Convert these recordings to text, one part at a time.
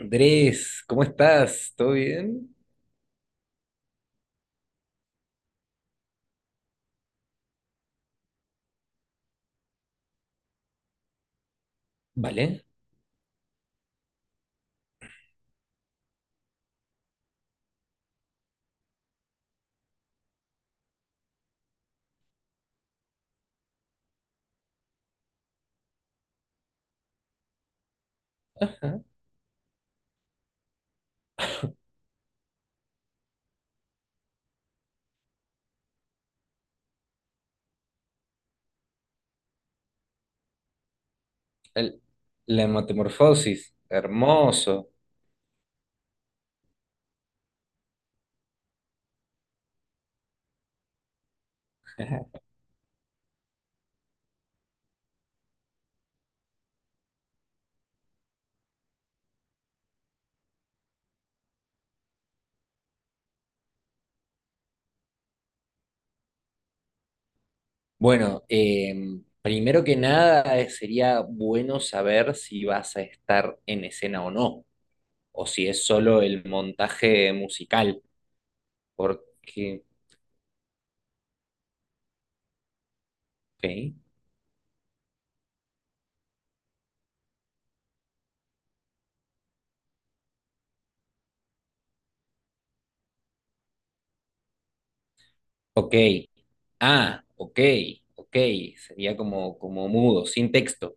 Andrés, ¿cómo estás? ¿Todo bien? Vale. Ajá. El- la metamorfosis, hermoso. Bueno, primero que nada sería bueno saber si vas a estar en escena o no, o si es solo el montaje musical, porque... Ok. Ok. Ah, ok, ok. Sería como, como mudo, sin texto.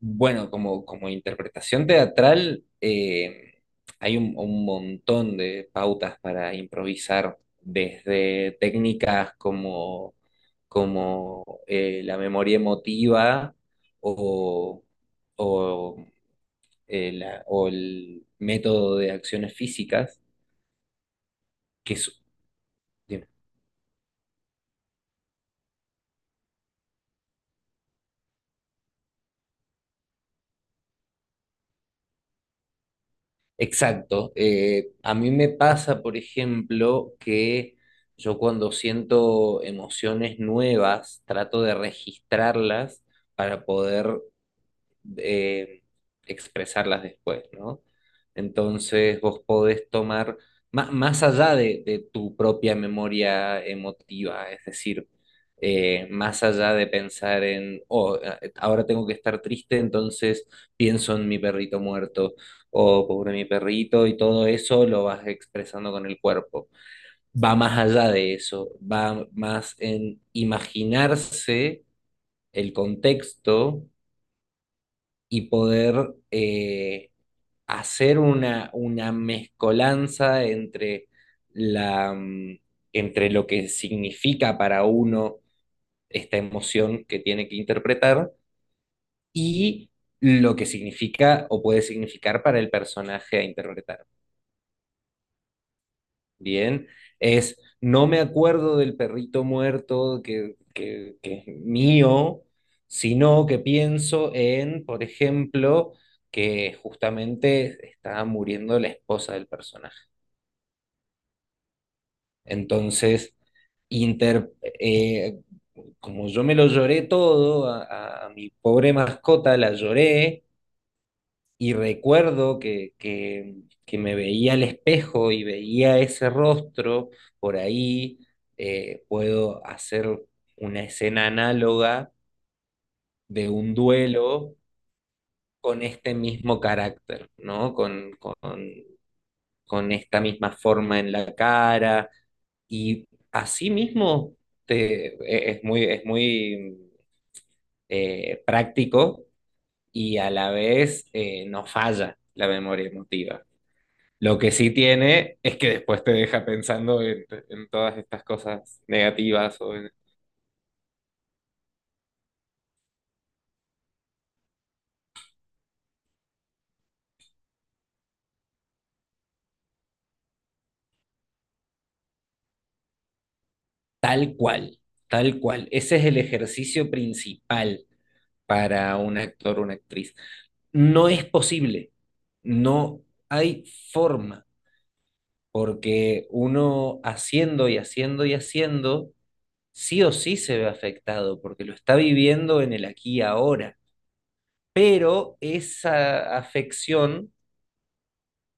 Bueno, como, como interpretación teatral, hay un montón de pautas para improvisar, desde técnicas como, como la memoria emotiva o, o, o el método de acciones físicas, que es... Exacto. A mí me pasa, por ejemplo, que yo cuando siento emociones nuevas, trato de registrarlas para poder eh, expresarlas después, ¿no? Entonces vos podés tomar, más allá de tu propia memoria emotiva, es decir, más allá de pensar en, oh, ahora tengo que estar triste, entonces pienso en mi perrito muerto, o pobre mi perrito, y todo eso lo vas expresando con el cuerpo. Va más allá de eso, va más en imaginarse el contexto y poder hacer una mezcolanza entre, la, mm, entre lo que significa para uno esta emoción que tiene que interpretar y lo que significa o puede significar para el personaje a interpretar. Bien, es no me acuerdo del perrito muerto que es mío, sino que pienso en, por ejemplo, que justamente está muriendo la esposa del personaje. Entonces, inter- eh, como yo me lo lloré todo, a mi pobre mascota la lloré. Y recuerdo que me veía al espejo y veía ese rostro, por ahí puedo hacer una escena análoga de un duelo con este mismo carácter, ¿no? Con esta misma forma en la cara. Y así mismo es muy práctico y a la vez no falla la memoria emotiva. Lo que sí tiene es que después te deja pensando en todas estas cosas negativas o en- Tal cual, tal cual. Ese es el ejercicio principal para un actor o una actriz. No es posible, no hay forma, porque uno haciendo y haciendo y haciendo, sí o sí se ve afectado, porque lo está viviendo en el aquí y ahora. Pero esa afección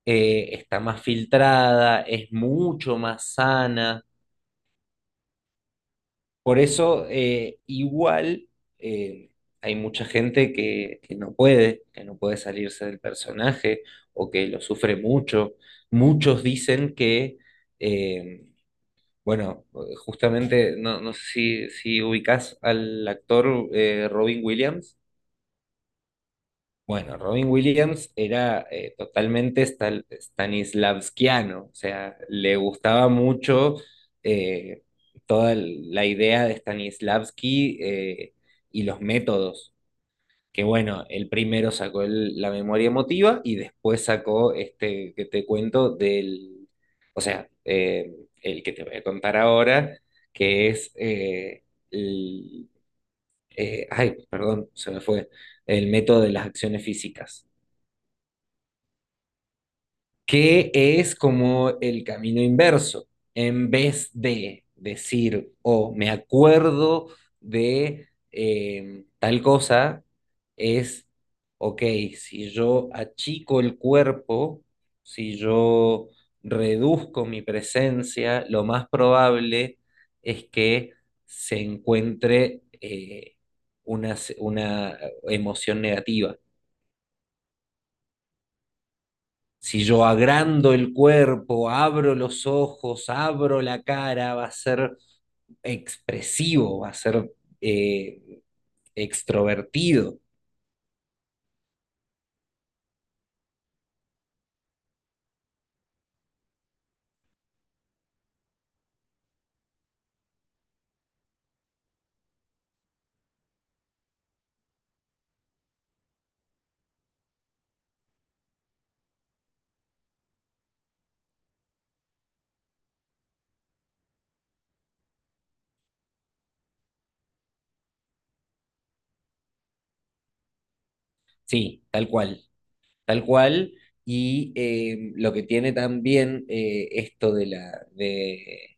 está más filtrada, es mucho más sana. Por eso, igual, eh, hay mucha gente que no puede salirse del personaje o que lo sufre mucho. Muchos dicen que, eh, bueno, justamente, no, no sé si, si ubicás al actor Robin Williams. Bueno, Robin Williams era totalmente stanislavskiano, o sea, le gustaba mucho eh, toda la idea de Stanislavski y los métodos, que bueno, él primero sacó la memoria emotiva y después sacó este que te cuento del, o sea, el que te voy a contar ahora, que es, el- ay, perdón, se me fue, el método de las acciones físicas, que es como el camino inverso. En vez de decir, oh, me acuerdo de tal cosa, es, ok, si yo achico el cuerpo, si yo reduzco mi presencia, lo más probable es que se encuentre una emoción negativa. Si yo agrando el cuerpo, abro los ojos, abro la cara, va a ser expresivo, va a ser eh, extrovertido. Sí, tal cual, tal cual. Y lo que tiene también esto de,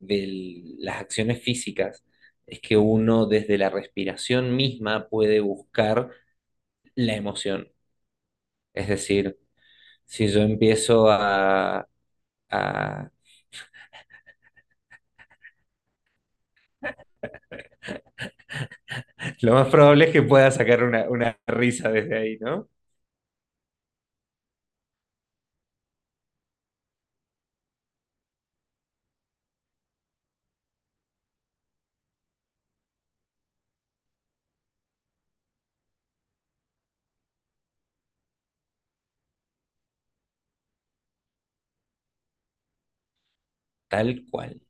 de las acciones físicas es que uno desde la respiración misma puede buscar la emoción. Es decir, si yo empiezo a lo más probable es que pueda sacar una risa desde ahí, ¿no? Tal cual,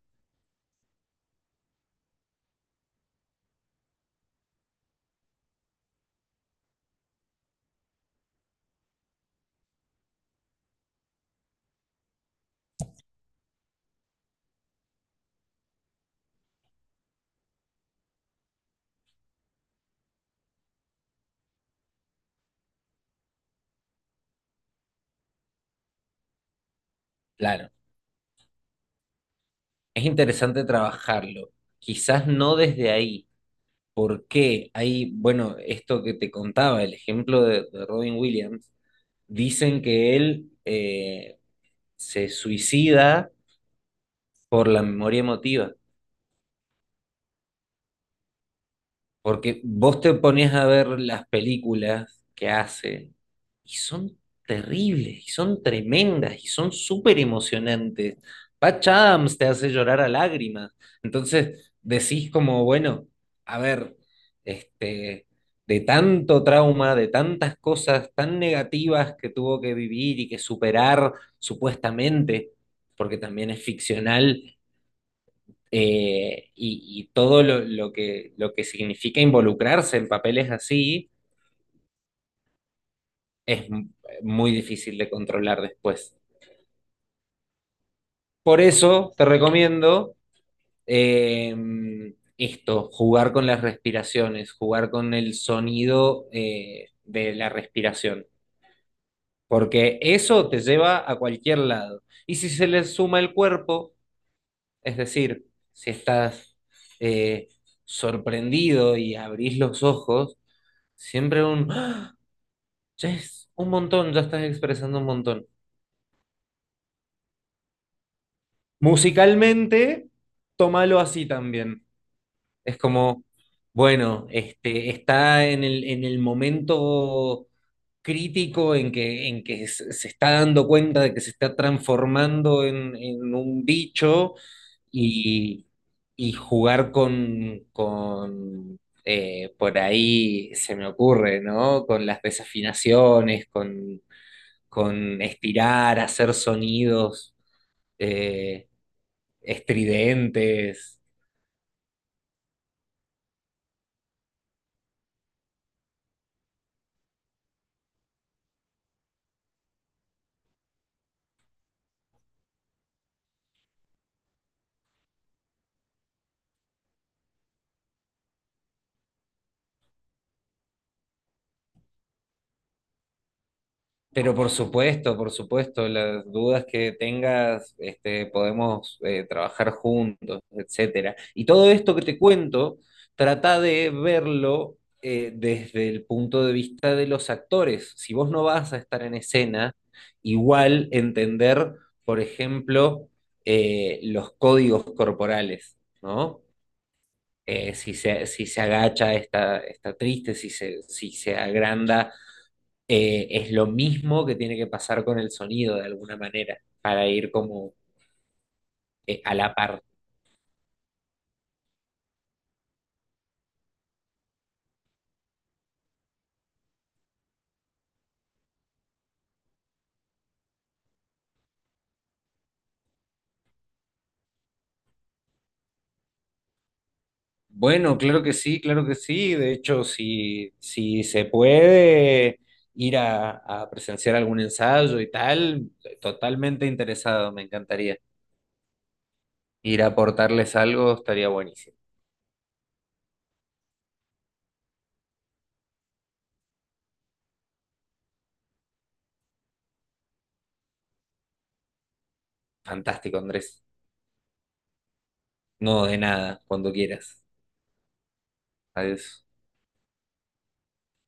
claro. Es interesante trabajarlo. Quizás no desde ahí. ¿Por qué? Hay, bueno, esto que te contaba, el ejemplo de Robin Williams, dicen que él se suicida por la memoria emotiva. Porque vos te pones a ver las películas que hace y son terribles, y son tremendas, y son súper emocionantes. Patch Adams te hace llorar a lágrimas. Entonces decís como, bueno, a ver, este, de tanto trauma, de tantas cosas tan negativas que tuvo que vivir y que superar supuestamente, porque también es ficcional y todo lo que significa involucrarse en papeles así es muy difícil de controlar después. Por eso te recomiendo eh, esto, jugar con las respiraciones, jugar con el sonido de la respiración, porque eso te lleva a cualquier lado. Y si se le suma el cuerpo, es decir, si estás eh, sorprendido y abrís los ojos, siempre un... ¡Ah! Ya es un montón, ya estás expresando un montón. Musicalmente, tómalo así también. Es como, bueno, este, está en el momento crítico en que se está dando cuenta de que se está transformando en un bicho y, y jugar con por ahí se me ocurre, ¿no? Con las desafinaciones, con estirar, hacer sonidos eh, estridentes. Pero por supuesto, las dudas que tengas, este, podemos trabajar juntos, etcétera. Y todo esto que te cuento, trata de verlo desde el punto de vista de los actores. Si vos no vas a estar en escena, igual entender, por ejemplo, los códigos corporales, ¿no? Si se, si se agacha está, está triste, si se, si se agranda, es lo mismo que tiene que pasar con el sonido de alguna manera, para ir como a la par. Bueno, claro que sí, claro que sí. De hecho, si, si se puede ir a presenciar algún ensayo y tal, totalmente interesado, me encantaría. Ir a aportarles algo estaría buenísimo. Fantástico, Andrés. No, de nada, cuando quieras. Adiós.